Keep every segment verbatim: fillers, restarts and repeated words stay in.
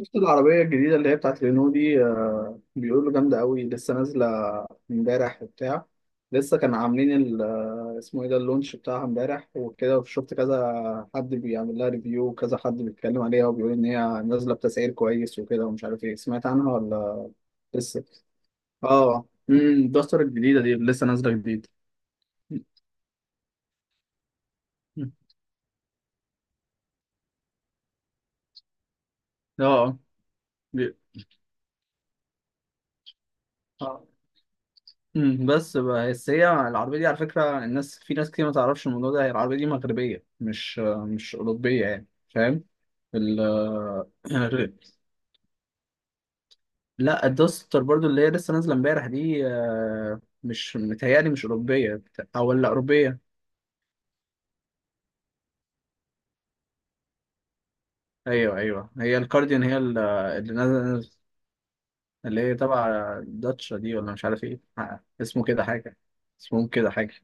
شفت العربية الجديدة اللي هي بتاعت رينو دي آه، بيقولوا جامدة قوي لسه نازلة امبارح وبتاع. لسه كانوا عاملين ال- آه، اسمه ايه ده، اللونش بتاعها امبارح وكده، وشفت كذا حد بيعمل لها ريفيو وكذا حد بيتكلم عليها وبيقول ان هي نازلة بتسعير كويس وكده، ومش عارف ايه. سمعت عنها ولا لسه؟ اه. امم الدستر الجديدة دي اللي لسه نازلة جديد. اه، اه. بي- آه. مم، بس بقى- بس هي العربية دي على فكرة، الناس، في ناس كتير ما تعرفش الموضوع ده، هي العربية دي مغربية، مش مش أوروبية يعني، فاهم؟ ال... لا، الدوستر برضو اللي هي لسه نازلة امبارح دي، آه، مش متهيألي مش أوروبية. أو ولا أوروبية. أيوه أيوه، هي الكارديان، هي ال- اللي نازلة. اللي هي تبع داتشا دي ولا مش عارف إيه، آه، اسمه كده حاجة، اسمهم كده حاجة.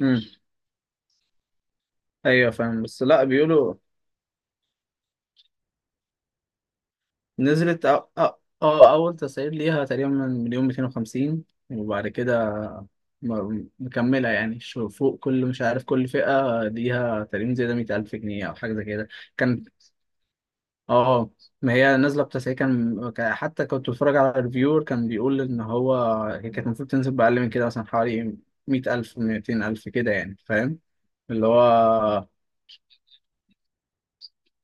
مم. أيوه فاهم، بس لا بيقولوا نزلت. أ- أ- اه، أو أو أو اول تسعير ليها تقريبا من مليون مئتين وخمسين، وبعد كده م- مكمله يعني. شو- فوق كل، مش عارف، كل فئه ليها تقريبا زي ده مية ألف جنيه او حاجه زي كده. كان اه ما هي نازله بتسعير، كان كان- حتى كنت بتفرج على الريفيور، كان بيقول ان هو هي كانت المفروض تنزل باقل من كده، مثلا حوالي مية ألف، ميتين ألف كده يعني فاهم؟ اللي هو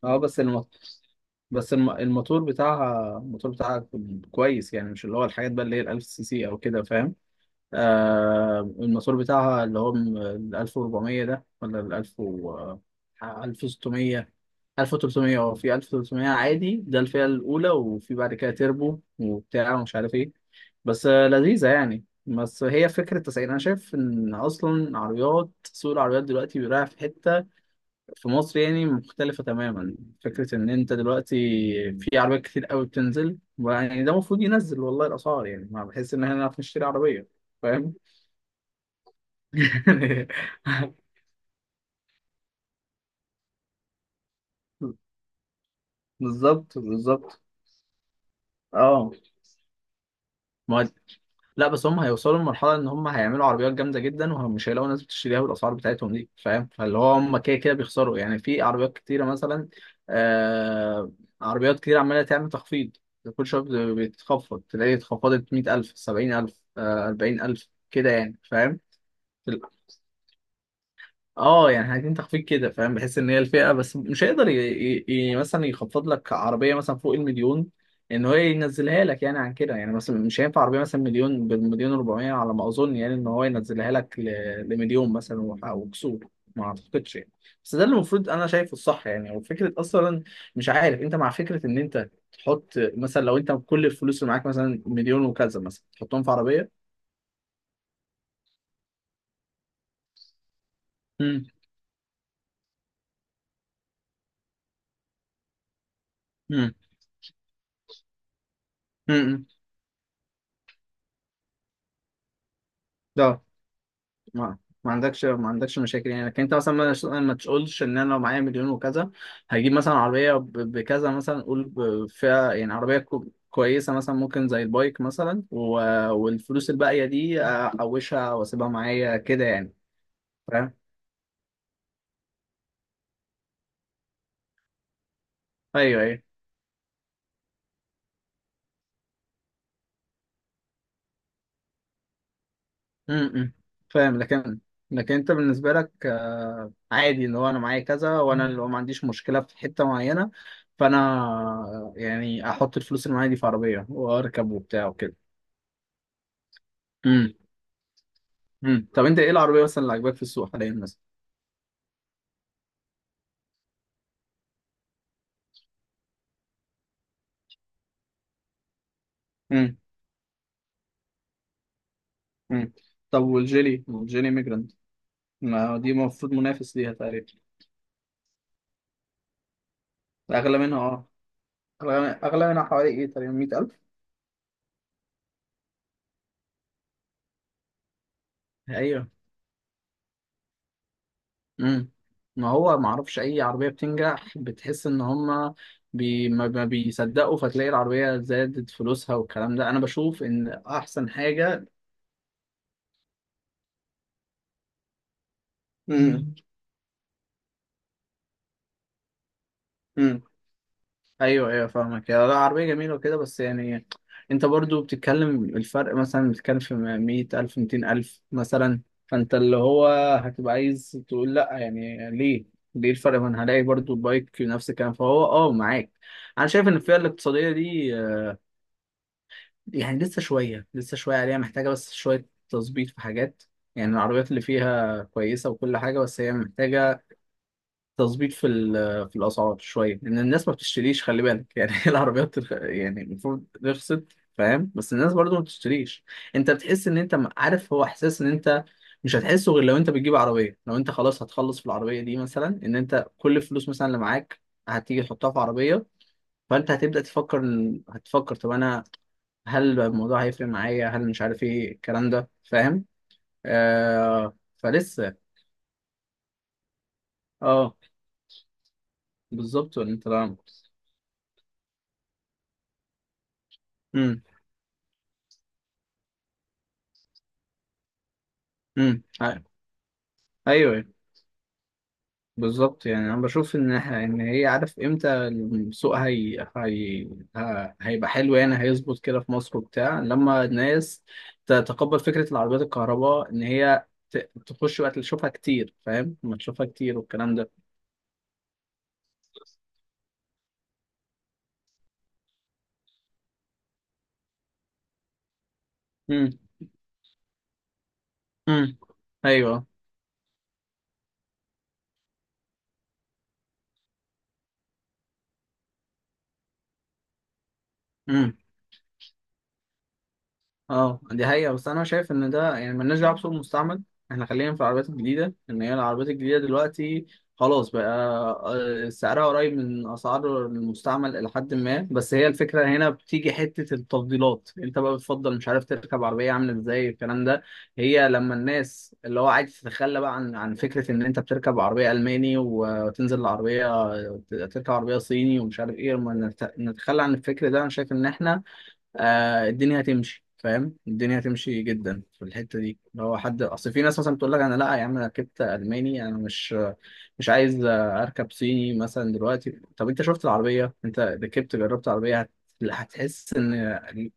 اه، بس المط... بس الم- الموتور بتاعها، الموتور بتاعها كويس يعني، مش اللي هو الحاجات بقى اللي هي ال 1000 سي سي او كده، فاهم؟ آه، الموتور بتاعها اللي هو م- ال ألف وأربعمية ده ولا ال ألف و ألف وستمية ألف وتلتمية. اه، في ألف وتلتمية عادي ده الفئة الأولى، وفي بعد كده تربو وبتاع ومش عارف ايه. بس آه، لذيذة يعني. بس هي فكرة التسعير، أنا شايف إن أصلا عربيات، سوق العربيات دلوقتي بيراعي في حتة في مصر يعني مختلفة تماما. فكرة إن أنت دلوقتي في عربيات كتير قوي بتنزل، يعني ده المفروض ينزل والله الأسعار، يعني ما بحس إن إحنا نعرف نشتري عربية، فاهم؟ بالظبط بالظبط. اه. ما لا، بس هم هيوصلوا لمرحلة إن هم هيعملوا عربيات جامدة جدا ومش هيلاقوا ناس بتشتريها بالأسعار بتاعتهم دي، فاهم؟ فاللي هو هم كده كده بيخسروا، يعني في عربيات كتيرة مثلا، آه، عربيات كتير عمالة تعمل تخفيض. كل شوية بت- بتخفض، تلاقي اتخفضت مية ألف، سبعين ألف، أربعين ألف كده يعني فاهم؟ اه يعني عايزين تخفيض كده فاهم، بحيث ان هي الفئه. بس مش هيقدر ي... ي... ي... مثلا يخفض لك عربيه مثلا فوق المليون، ان هو ينزلها لك يعني عن كده. يعني مثلا مش هينفع عربيه مثلا مليون، بالمليون وأربعمية على ما اظن، يعني ان هو ينزلها لك ل... لمليون مثلا وح- وكسور، ما اعتقدش يعني. بس ده اللي المفروض انا شايفه الصح يعني. وفكره اصلا، مش عارف انت مع فكره ان انت تحط مثلا، لو انت كل الفلوس اللي معاك مثلا مليون وكذا، مثلا تحطهم في عربيه. امم، امم. امم ما ما عندكش، ما عندكش مشاكل يعني. لكن انت مثلا ما ما تقولش ان انا لو معايا مليون وكذا، هجيب مثلا عربيه ب- بكذا، مثلا قول ب- فيها يعني عربيه كو- كويسه، مثلا ممكن زي البايك مثلا، و- والفلوس الباقيه دي احوشها واسيبها معايا كده يعني. فاهم. ايوه ايوه. امم. فاهم. لكن، لكن انت بالنسبه لك، آه، عادي، اللي هو انا معايا كذا، وانا اللي هو ما عنديش مشكله في حته معينه. فانا آه، يعني احط الفلوس اللي معايا دي في عربيه واركب وبتاع وكده. مم. طب انت ايه العربيه مثلا اللي عاجباك في السوق حاليا مثلا؟ مم. مم. طب والجيلي، والجيلي ميجرانت، ما دي المفروض منافس ليها تقريبا. اغلى منها، اه. اغلى، اغلى منها حوالي ايه تقريبا؟ مية ألف. ايوه. امم. ما هو ما اعرفش اي عربيه بتنجح، بتحس ان هم بي... ما ما بيصدقوا، فتلاقي العربيه زادت فلوسها، والكلام ده انا بشوف ان احسن حاجه. مم. ايوه ايوه فاهمك. يا لا، عربيه جميله وكده بس يعني، انت برضو بتتكلم الفرق، مثلا بتتكلم في مية ألف، ميتين ألف مثلا. فانت اللي هو هتبقى عايز تقول لا، يعني ليه؟ ليه الفرق؟ ما انا هلاقي برضو بايك نفس الكلام، فهو اه معاك. انا شايف ان الفئه الاقتصاديه دي آه، يعني لسه شويه لسه شويه عليها، محتاجه بس شويه تظبيط في حاجات يعني. العربيات اللي فيها كويسه وكل حاجه، بس هي محتاجه تظبيط في ال- في الاسعار شويه، لان الناس ما بتشتريش، خلي بالك يعني. العربيات الخ- يعني المفروض رخصت، فاهم؟ بس الناس برضو ما بتشتريش. انت بتحس ان انت م- عارف، هو احساس ان انت مش هتحسه غير لو انت بتجيب عربيه، لو انت خلاص هتخلص في العربيه دي مثلا، ان انت كل الفلوس مثلا اللي معاك هتيجي تحطها في عربيه، فانت هتبدا تفكر إن- هتفكر، طب انا هل الموضوع هيفرق معايا، هل مش عارف ايه الكلام ده، فاهم؟ آه فلسه. اه بالظبط. ولا انت لا. امم. ايوه بالظبط. يعني انا بشوف ان إح- ان هي، عارف امتى السوق هي... هي... ه- هيبقى حلو يعني، هيظبط كده في مصر وبتاع، لما الناس تتقبل فكره العربيات الكهرباء، ان هي ت... تخش وقت، تشوفها كتير فاهم، ما تشوفها كتير والكلام ده. امم، امم. ايوه. امم. اه دي حقيقة. بس انا شايف ان ده يعني ملناش دعوة بسوق المستعمل، احنا خلينا في العربيات الجديدة. ان هي العربيات الجديدة دلوقتي خلاص بقى، آه، سعرها قريب من اسعار المستعمل الى حد ما. بس هي الفكرة هنا بتيجي حتة التفضيلات، انت بقى بتفضل مش عارف تركب عربية عاملة ازاي الكلام ده. هي لما الناس اللي هو عايز تتخلى بقى عن عن فكرة ان انت بتركب عربية الماني وتنزل العربية، تركب عربية صيني ومش عارف ايه، لما نت- نتخلى عن الفكر ده، انا شايف ان احنا آه الدنيا هتمشي، فاهم؟ الدنيا هتمشي جدا في الحته دي. اللي هو حد اصل في ناس مثلا بتقول لك، انا لا يا عم، انا ركبت الماني، انا مش مش عايز آه، اركب صيني مثلا دلوقتي. طب انت شفت العربيه؟ انت ركبت، جربت عربيه هت- هتحس ان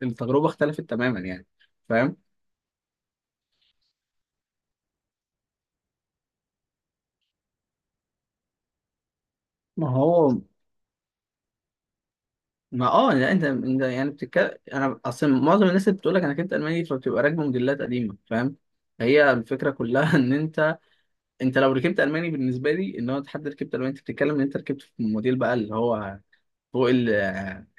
التجربه اختلفت تماما يعني، فاهم؟ ما هو ما اه لا، انت انت يعني بتتكلم، انا اصل معظم الناس اللي بتقول لك انا ركبت الماني، فبتبقى راكبه موديلات قديمه فاهم. هي الفكره كلها ان انت، انت لو ركبت الماني بالنسبه لي، ان هو حد ركبت الماني، انت بتتكلم ان انت ركبت في موديل بقى اللي هو فوق ال،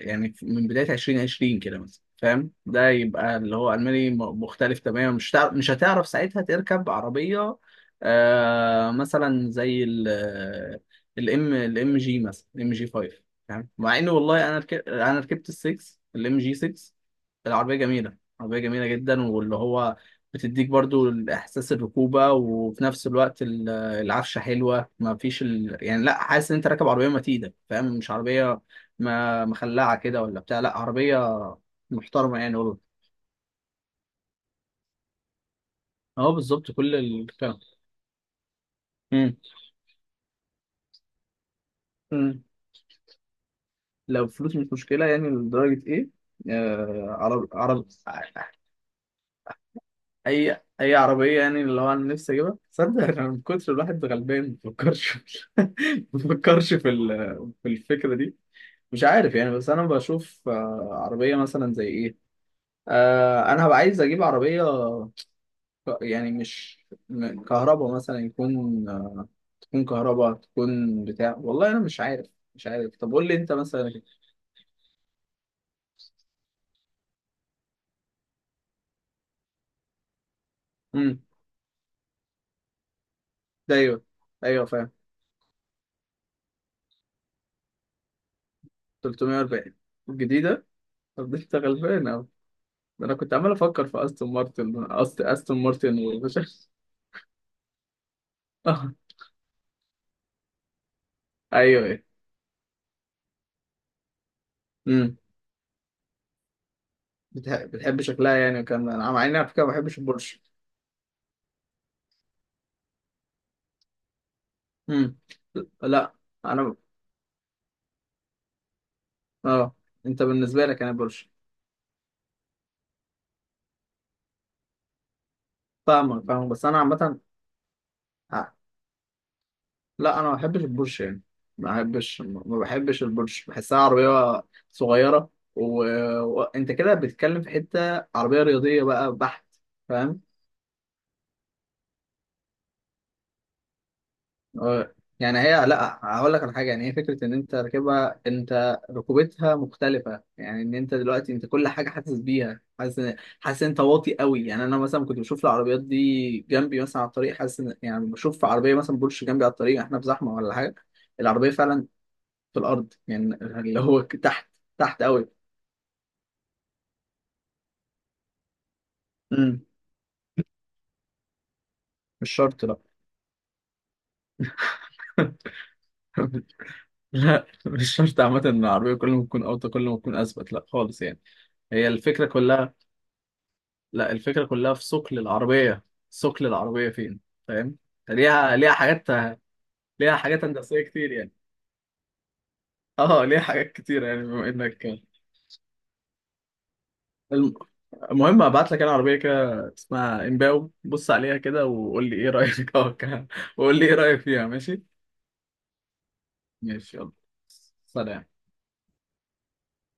يعني من بداية عشرين عشرين كده مثلا، فاهم؟ ده يبقى اللي هو ألماني م- مختلف تماما. مش هتعرف مش هتعرف ساعتها تركب عربية، آه مثلا زي ال الام الام جي، مثلا الام جي فايف، فاهم؟ مع ان والله انا ركبت، انا ركبت ال سكس، الام جي سكس. العربية جميلة، عربية جميلة جدا. واللي هو بتديك برضو احساس الركوبة، وفي نفس الوقت ال- العفشة حلوة، ما فيش ال... يعني لا، حاسس ان انت راكب عربية متينة فاهم، مش عربية ما مخلعه كده ولا بتاع، لا عربيه محترمه يعني والله. اه بالظبط كل الكلام. امم. امم. لو فلوس مش مشكله يعني لدرجه ايه؟ آه، عرب عرب اي اي عربيه يعني. اللي هو انا نفسي اجيبها، تصدق انا من كتر الواحد غلبان ما بفكرش، ما بفكرش في ال- في الفكره دي. مش عارف يعني. بس انا بشوف آه، عربيه مثلا زي ايه، آه انا هبقى عايز اجيب عربيه ك- يعني مش كهرباء، مثلا يكون، تكون كهرباء، تكون بتاع، والله انا مش عارف، مش عارف. طب قول لي انت مثلا. امم. ده ايوه ايوه فاهم. تلاتمية وأربعين الجديده. طب ده انت غلبان اهو. ده انا كنت عمال افكر في استون مارتن، أست... استون مارتن ومش عارف. آه، ايوه ايوه. امم. بتح... بتحب شكلها يعني، وكان انا مع اني على فكره ما بحبش البورش. امم. لا انا اه، انت بالنسبه لك انا بورش. فاهمك فاهمك، بس انا عامه لا انا ما بحبش البورش يعني، ما بحبش ما بحبش البورش، بحسها عربيه صغيره. و- وانت كده بتتكلم في حته عربيه رياضيه بقى بحت، فاهم؟ آه، يعني هي، لا هقول لك على حاجه يعني، هي فكره ان انت راكبها، انت ركوبتها مختلفه يعني، ان انت دلوقتي انت كل حاجه حاسس بيها، حاسس إن- حاسس إن انت واطي قوي يعني. انا مثلا كنت بشوف العربيات دي جنبي مثلا على الطريق، حاسس إن- يعني بشوف عربيه مثلا بورش جنبي على الطريق، احنا في زحمه ولا حاجه، العربيه فعلا في الارض يعني اللي هو ك- تحت، تحت قوي. امم. مش شرط لا. لا، مش شرط عامة ان العربية كل ما تكون اوطى كل ما تكون اثبت، لا خالص يعني. هي الفكرة كلها، لا الفكرة كلها في ثقل العربية. ثقل العربية فين، فاهم؟ ليها ليها حاجات، ليها حاجات هندسية كتير يعني. اه ليها حاجات كتير يعني بما انك. الم- المهم، هبعت لك انا عربية كده اسمها امباو، بص عليها كده وقول لي ايه رأيك، اه. وقول لي ايه رأيك فيها، ماشي؟ ماشي يلا. سلام.